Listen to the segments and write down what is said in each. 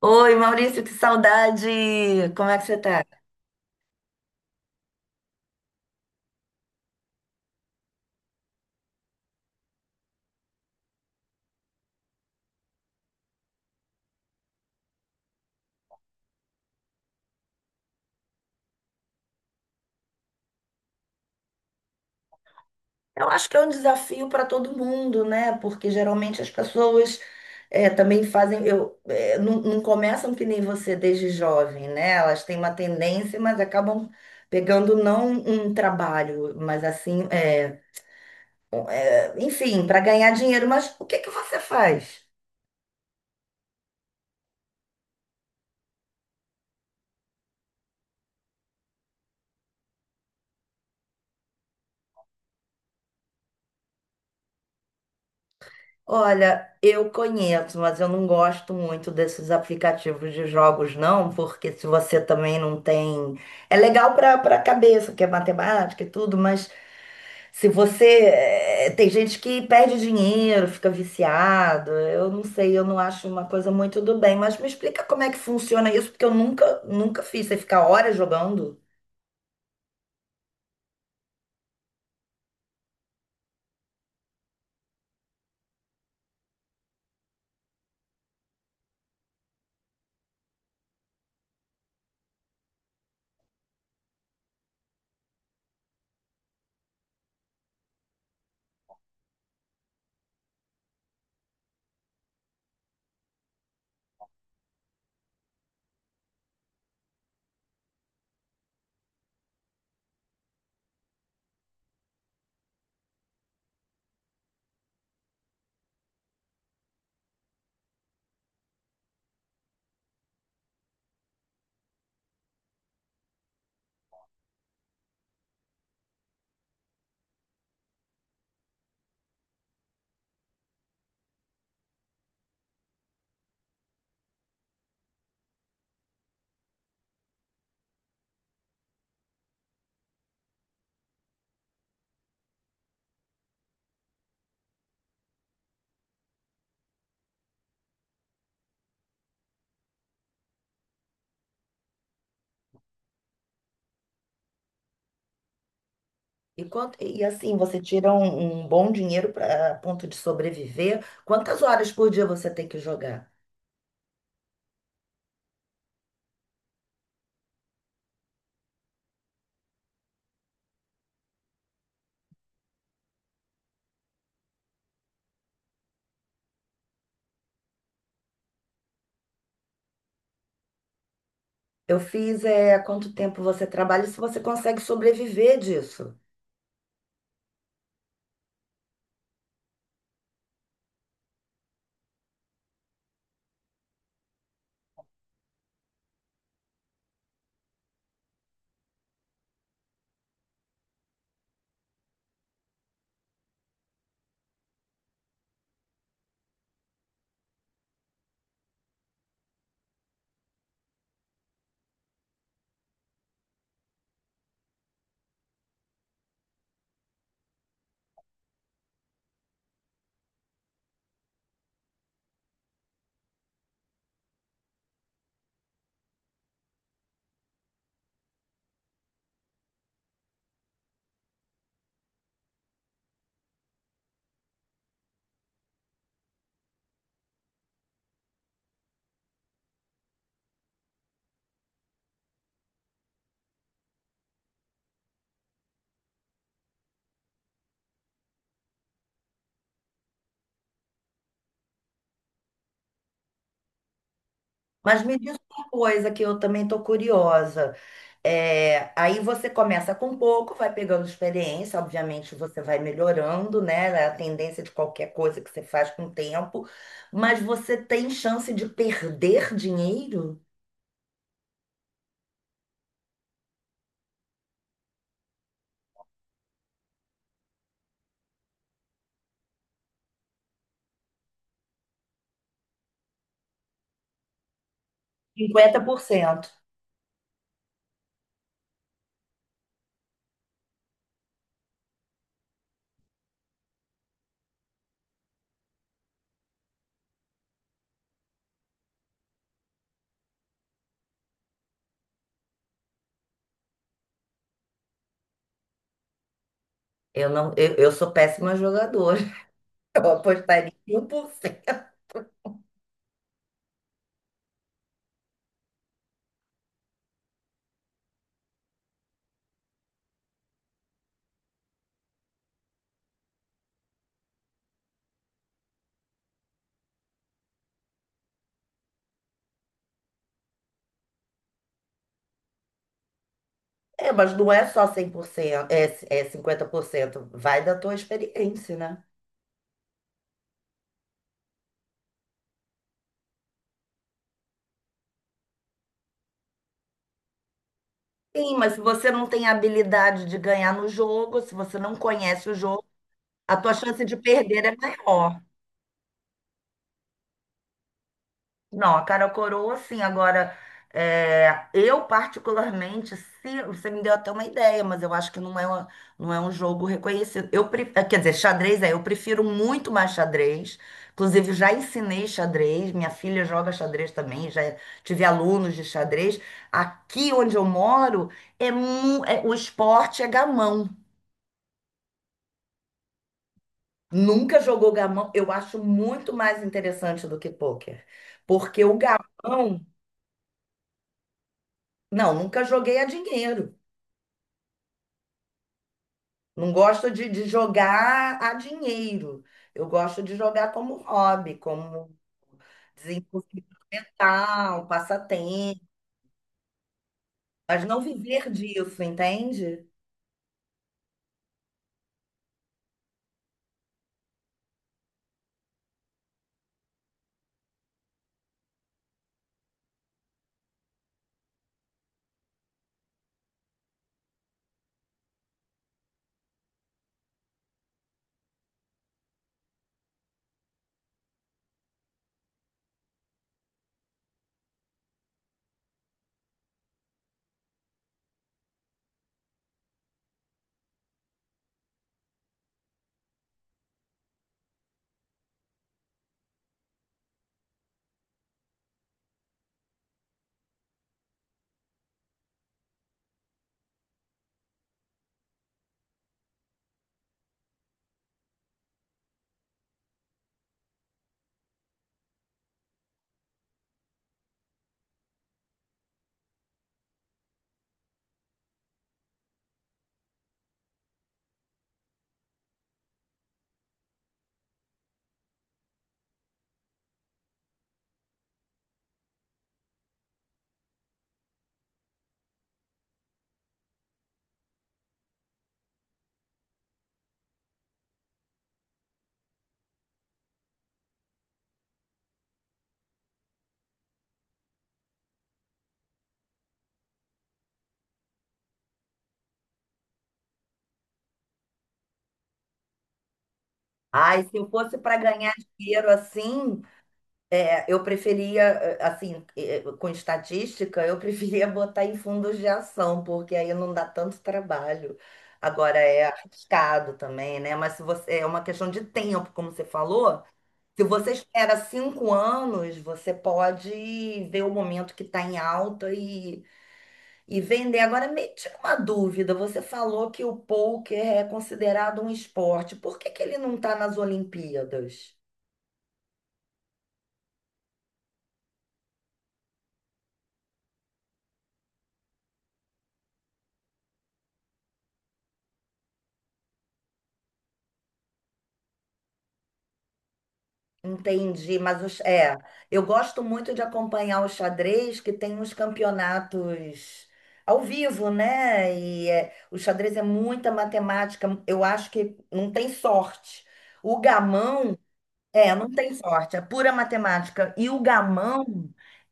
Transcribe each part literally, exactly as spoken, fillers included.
Oi, Maurício, que saudade! Como é que você tá? Eu acho que é um desafio para todo mundo, né? Porque geralmente as pessoas eh, também fazem, eu, eh, não, não começam que nem você desde jovem, né? Elas têm uma tendência, mas acabam pegando não um trabalho, mas assim, eh, enfim, para ganhar dinheiro. Mas o que que você faz? Olha, eu conheço, mas eu não gosto muito desses aplicativos de jogos, não, porque se você também não tem. É legal para para a cabeça, que é matemática e tudo, mas se você. eh, Tem gente que perde dinheiro, fica viciado. Eu não sei, eu não acho uma coisa muito do bem, mas me explica como é que funciona isso, porque eu nunca, nunca fiz. Você fica horas jogando. E, quanto, e assim, você tira um, um bom dinheiro para ponto de sobreviver. Quantas horas por dia você tem que jogar? Eu fiz é, há quanto tempo você trabalha e se você consegue sobreviver disso. Mas me diz uma coisa que eu também estou curiosa. É, aí você começa com pouco, vai pegando experiência, obviamente você vai melhorando, né? É a tendência de qualquer coisa que você faz com o tempo, mas você tem chance de perder dinheiro? Cinquenta por cento? Eu não, eu, eu sou péssima jogadora. Eu apostaria em um por cento. É, mas não é só cem por cento, é, é cinquenta por cento. Vai da tua experiência, né? Sim, mas se você não tem habilidade de ganhar no jogo, se você não conhece o jogo, a tua chance de perder é maior. Não, a cara coroa, sim. Agora, é, eu particularmente, se, você me deu até uma ideia, mas eu acho que não é, uma- não é um jogo reconhecido. Eu, pre- eh, quer dizer, xadrez é, eu prefiro muito mais xadrez. Inclusive, já ensinei xadrez, minha filha joga xadrez também, já tive alunos de xadrez. Aqui onde eu moro, é, mu- é- o esporte é gamão. Nunca jogou gamão, eu acho muito mais interessante do que pôquer. Porque o gamão. Não, nunca joguei a dinheiro. Não gosto de, de jogar a dinheiro. Eu gosto de jogar como hobby, como desenvolvimento mental, passatempo, mas não viver disso, entende? Ai, se eu fosse para ganhar dinheiro assim, é, eu preferia, eh, assim, eh, com estatística, eu preferia botar em fundos de ação, porque aí não dá tanto trabalho. Agora é arriscado também, né? Mas se você, é uma questão de tempo, como você falou. Se você espera cinco anos, você pode ver o momento que está em alta e, e vender. Agora, me tira uma dúvida. Você falou que o pôquer é considerado um esporte. Por que que ele não está nas Olimpíadas? Entendi, mas os, é, eu gosto muito de acompanhar o xadrez, que tem uns campeonatos ao vivo, né? E é, o xadrez é muita matemática. Eu acho que não tem sorte. O gamão é, não tem sorte, é pura matemática. E o gamão,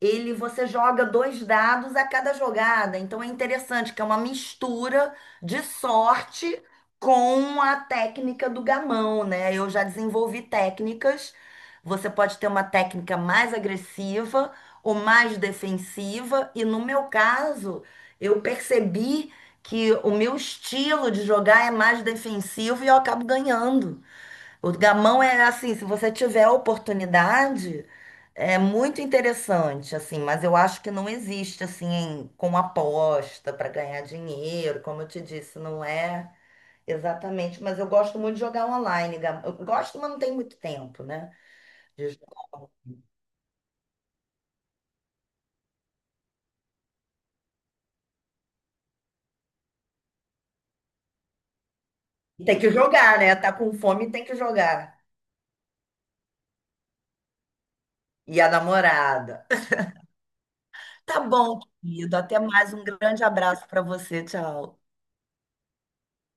ele você joga dois dados a cada jogada. Então é interessante que é uma mistura de sorte com a técnica do gamão, né? Eu já desenvolvi técnicas. Você pode ter uma técnica mais agressiva ou mais defensiva. E no meu caso, eu percebi que o meu estilo de jogar é mais defensivo e eu acabo ganhando. O gamão é assim, se você tiver a oportunidade, é muito interessante, assim, mas eu acho que não existe assim em- com aposta para ganhar dinheiro, como eu te disse, não é exatamente, mas eu gosto muito de jogar online, gam- eu gosto, mas não tem muito tempo, né? de jo- E tem que jogar, né? Tá com fome, tem que jogar. E a namorada. Tá bom, querido, até mais, um grande abraço para você, tchau.